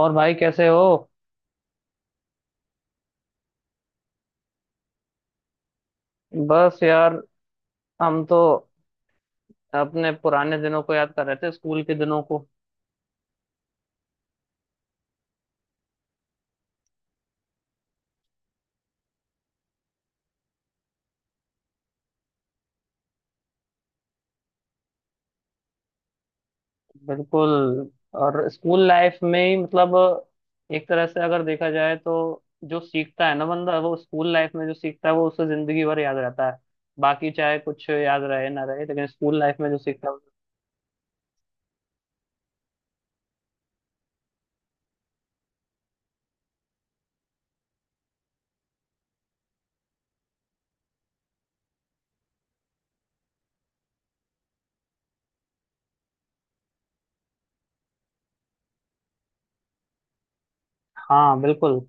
और भाई कैसे हो। बस यार, हम तो अपने पुराने दिनों को याद कर रहे थे, स्कूल के दिनों को। बिल्कुल। और स्कूल लाइफ में ही मतलब एक तरह से अगर देखा जाए तो जो सीखता है ना बंदा, वो स्कूल लाइफ में जो सीखता है वो उसे जिंदगी भर याद रहता है। बाकी चाहे कुछ याद रहे ना रहे, लेकिन स्कूल लाइफ में जो सीखता है। हाँ बिल्कुल।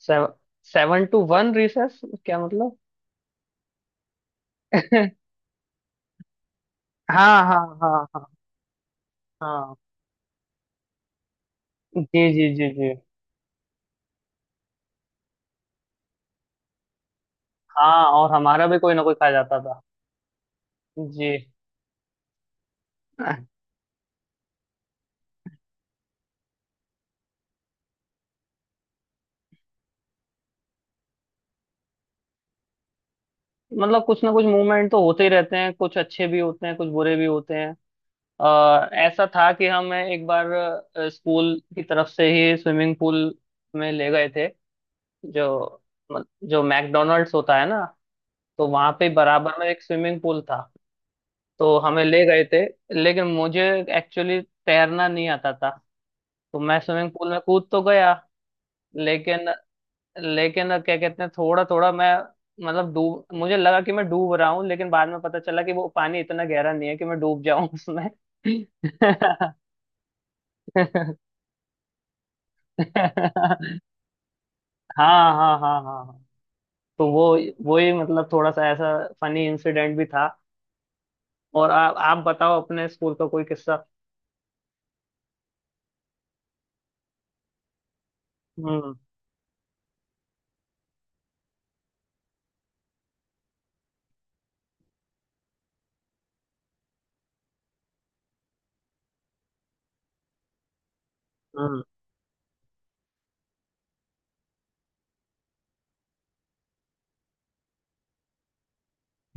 सेव, सेवन टू वन रिसेस क्या मतलब? हाँ हाँ हाँ हाँ हाँ। जी जी जी जी। हाँ, और हमारा भी कोई ना कोई खा जाता था। जी। अह, मतलब कुछ ना कुछ मूवमेंट तो होते ही रहते हैं। कुछ अच्छे भी होते हैं, कुछ बुरे भी होते हैं। ऐसा था कि हम एक बार स्कूल की तरफ से ही स्विमिंग पूल में ले गए थे। जो जो मैकडोनल्ड्स होता है ना, तो वहां पे बराबर में एक स्विमिंग पूल था। तो हमें ले गए थे। लेकिन मुझे एक्चुअली तैरना नहीं आता था। तो मैं स्विमिंग पूल में कूद तो गया, लेकिन लेकिन क्या कहते हैं, थोड़ा थोड़ा मैं मतलब डूब मुझे लगा कि मैं डूब रहा हूँ, लेकिन बाद में पता चला कि वो पानी इतना गहरा नहीं है कि मैं डूब जाऊं उसमें। हाँ हाँ हाँ हाँ हाँ। तो वो ही मतलब थोड़ा सा ऐसा फनी इंसिडेंट भी था। और आप बताओ अपने स्कूल का कोई किस्सा। हम्म हम्म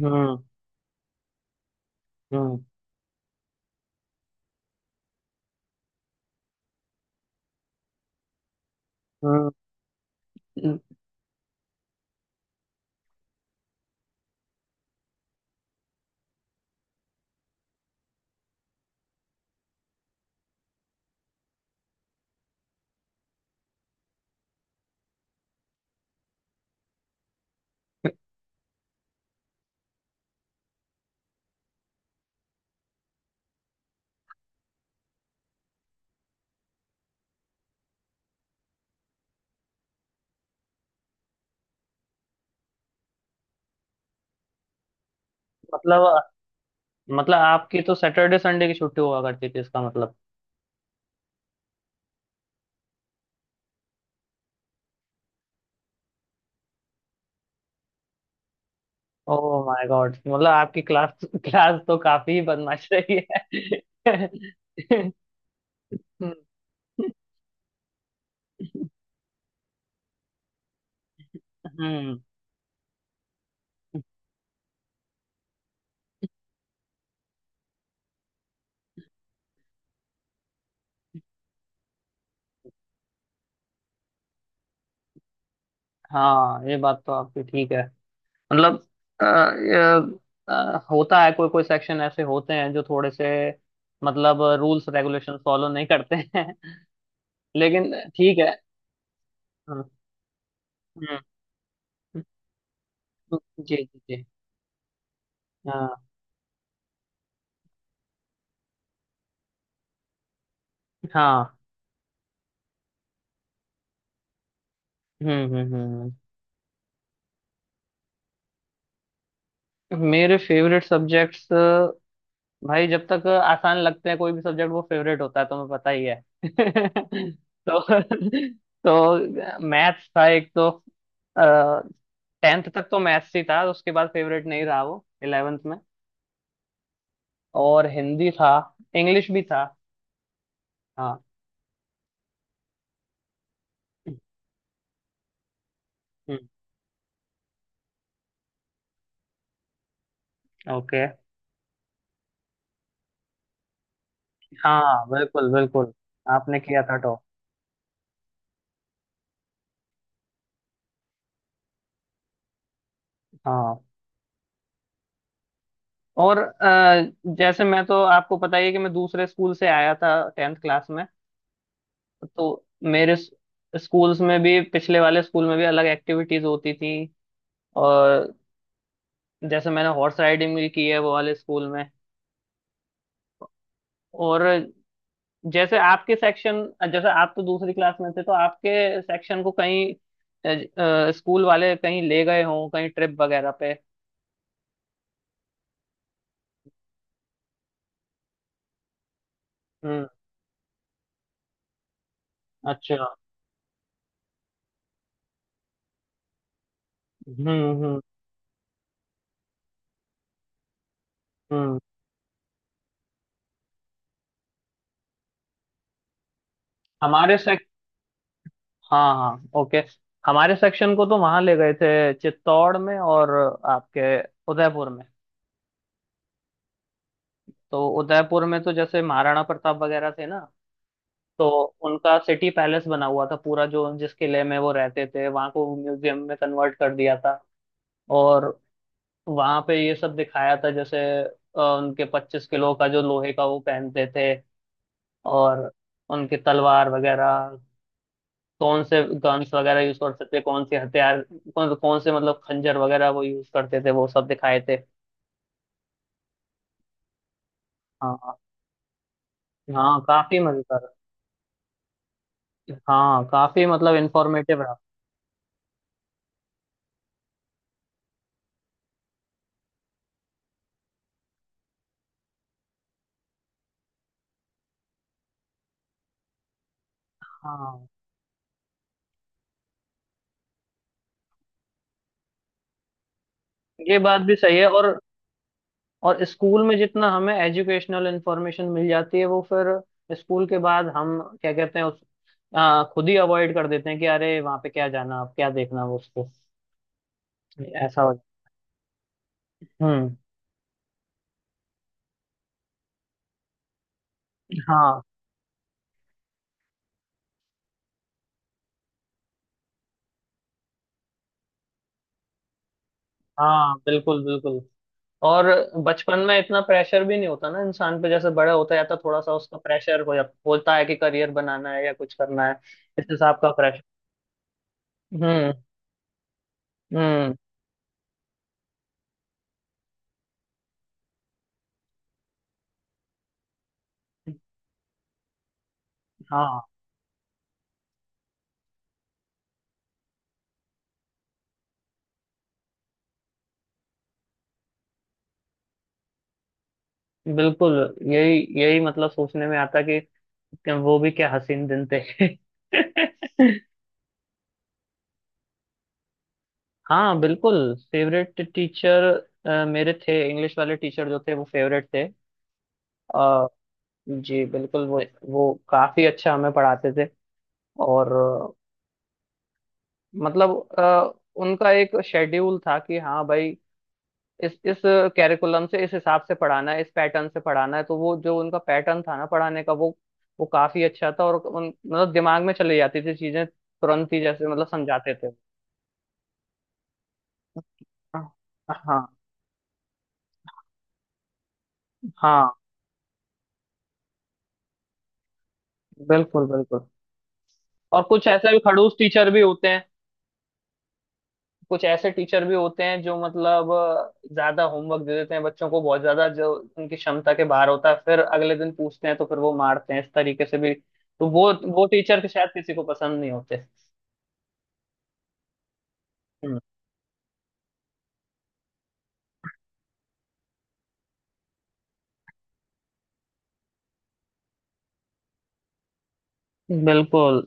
हम्म हम्म हम्म। मतलब मतलब आपकी तो सैटरडे संडे की छुट्टी हुआ करती थी इसका मतलब। ओह माय गॉड, मतलब आपकी क्लास क्लास तो काफी बदमाश रही है। हम्म। हाँ, ये बात तो आपकी ठीक है। मतलब होता है कोई कोई सेक्शन ऐसे होते हैं जो थोड़े से मतलब रूल्स रेगुलेशन फॉलो नहीं करते हैं। लेकिन ठीक है। हाँ। हम्म। जी जी जी। हाँ हाँ। हम्म हम्म हम्म मेरे फेवरेट सब्जेक्ट्स, भाई जब तक आसान लगते हैं कोई भी सब्जेक्ट वो फेवरेट होता है, तुम्हें पता ही है। तो तो मैथ्स था एक तो। टेंथ तक तो मैथ्स ही था, उसके बाद फेवरेट नहीं रहा वो इलेवेंथ में। और हिंदी था, इंग्लिश भी था। हाँ। हम्म, ओके। हाँ बिल्कुल बिल्कुल। आपने किया था टॉप। हाँ। और जैसे मैं तो आपको पता ही है कि मैं दूसरे स्कूल से आया था टेंथ क्लास में। तो मेरे स्कूल्स में भी पिछले वाले स्कूल में भी अलग एक्टिविटीज होती थी। और जैसे मैंने हॉर्स राइडिंग भी की है वो वाले स्कूल में। और जैसे आपके सेक्शन जैसे आप तो दूसरी क्लास में थे, तो आपके सेक्शन को कहीं स्कूल वाले कहीं ले गए हों, कहीं ट्रिप वगैरह पे। हम्म। अच्छा। हम्म हम्म हम्म। हमारे सेक हाँ हाँ ओके। हमारे सेक्शन को तो वहां ले गए थे चित्तौड़ में। और आपके उदयपुर में। तो उदयपुर में तो जैसे महाराणा प्रताप वगैरह थे ना, तो उनका सिटी पैलेस बना हुआ था पूरा, जो जिस किले में वो रहते थे, वहां को म्यूजियम में कन्वर्ट कर दिया था। और वहां पे ये सब दिखाया था। जैसे उनके 25 किलो का जो लोहे का वो पहनते थे। और उनकी तलवार वगैरह, कौन से गन्स वगैरह यूज करते थे, कौन से हथियार, कौन से मतलब खंजर वगैरह वो यूज करते थे, वो सब दिखाए थे। हाँ हाँ काफी मजेदार। हाँ काफी मतलब इंफॉर्मेटिव रहा। हाँ ये बात भी सही है। और स्कूल में जितना हमें एजुकेशनल इंफॉर्मेशन मिल जाती है, वो फिर स्कूल के बाद हम क्या कहते हैं खुद ही अवॉइड कर देते हैं कि अरे वहां पे क्या जाना अब, क्या देखना वो उसको ऐसा हो। हम्म। हाँ हाँ बिल्कुल बिल्कुल। और बचपन में इतना प्रेशर भी नहीं होता ना इंसान पे। जैसे बड़ा होता जाता है, थोड़ा सा उसका प्रेशर हो जाता होता है कि करियर बनाना है या कुछ करना है, इस हिसाब का प्रेशर। हम्म हम्म। हाँ बिल्कुल। यही यही मतलब सोचने में आता कि क्या- वो भी क्या हसीन दिन थे। हाँ बिल्कुल फेवरेट टीचर मेरे थे। इंग्लिश वाले टीचर जो थे, वो फेवरेट थे। अ, जी बिल्कुल। वो काफी अच्छा हमें पढ़ाते थे। और मतलब अ, उनका एक शेड्यूल था कि हाँ भाई इस कैरिकुलम से, इस हिसाब से पढ़ाना है, इस पैटर्न से पढ़ाना है। तो वो जो उनका पैटर्न था ना पढ़ाने का, वो काफी अच्छा था। और उन मतलब दिमाग में चली जाती थी चीजें तुरंत ही, जैसे मतलब समझाते थे। हाँ हाँ बिल्कुल बिल्कुल। और कुछ ऐसे भी खड़ूस टीचर भी होते हैं। कुछ ऐसे टीचर भी होते हैं जो मतलब ज्यादा होमवर्क दे देते हैं बच्चों को, बहुत ज्यादा जो उनकी क्षमता के बाहर होता है। फिर अगले दिन पूछते हैं तो फिर वो मारते हैं इस तरीके से भी। तो वो टीचर के शायद किसी को पसंद नहीं होते। बिल्कुल।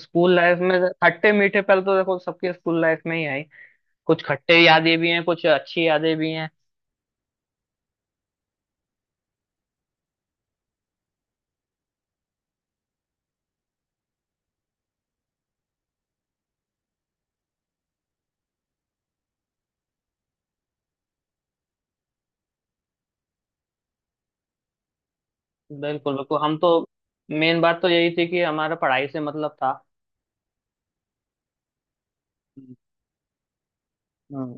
स्कूल लाइफ में तो खट्टे मीठे पल तो देखो सबके स्कूल लाइफ में ही आई। कुछ खट्टे यादें भी हैं, कुछ अच्छी यादें भी हैं। बिल्कुल बिल्कुल। हम तो मेन बात तो यही थी कि हमारा पढ़ाई से मतलब था। हम्म।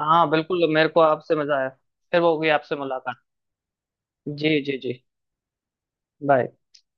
हाँ बिल्कुल मेरे को आपसे मजा आया। फिर होगी आपसे मुलाकात। जी जी जी। बाय।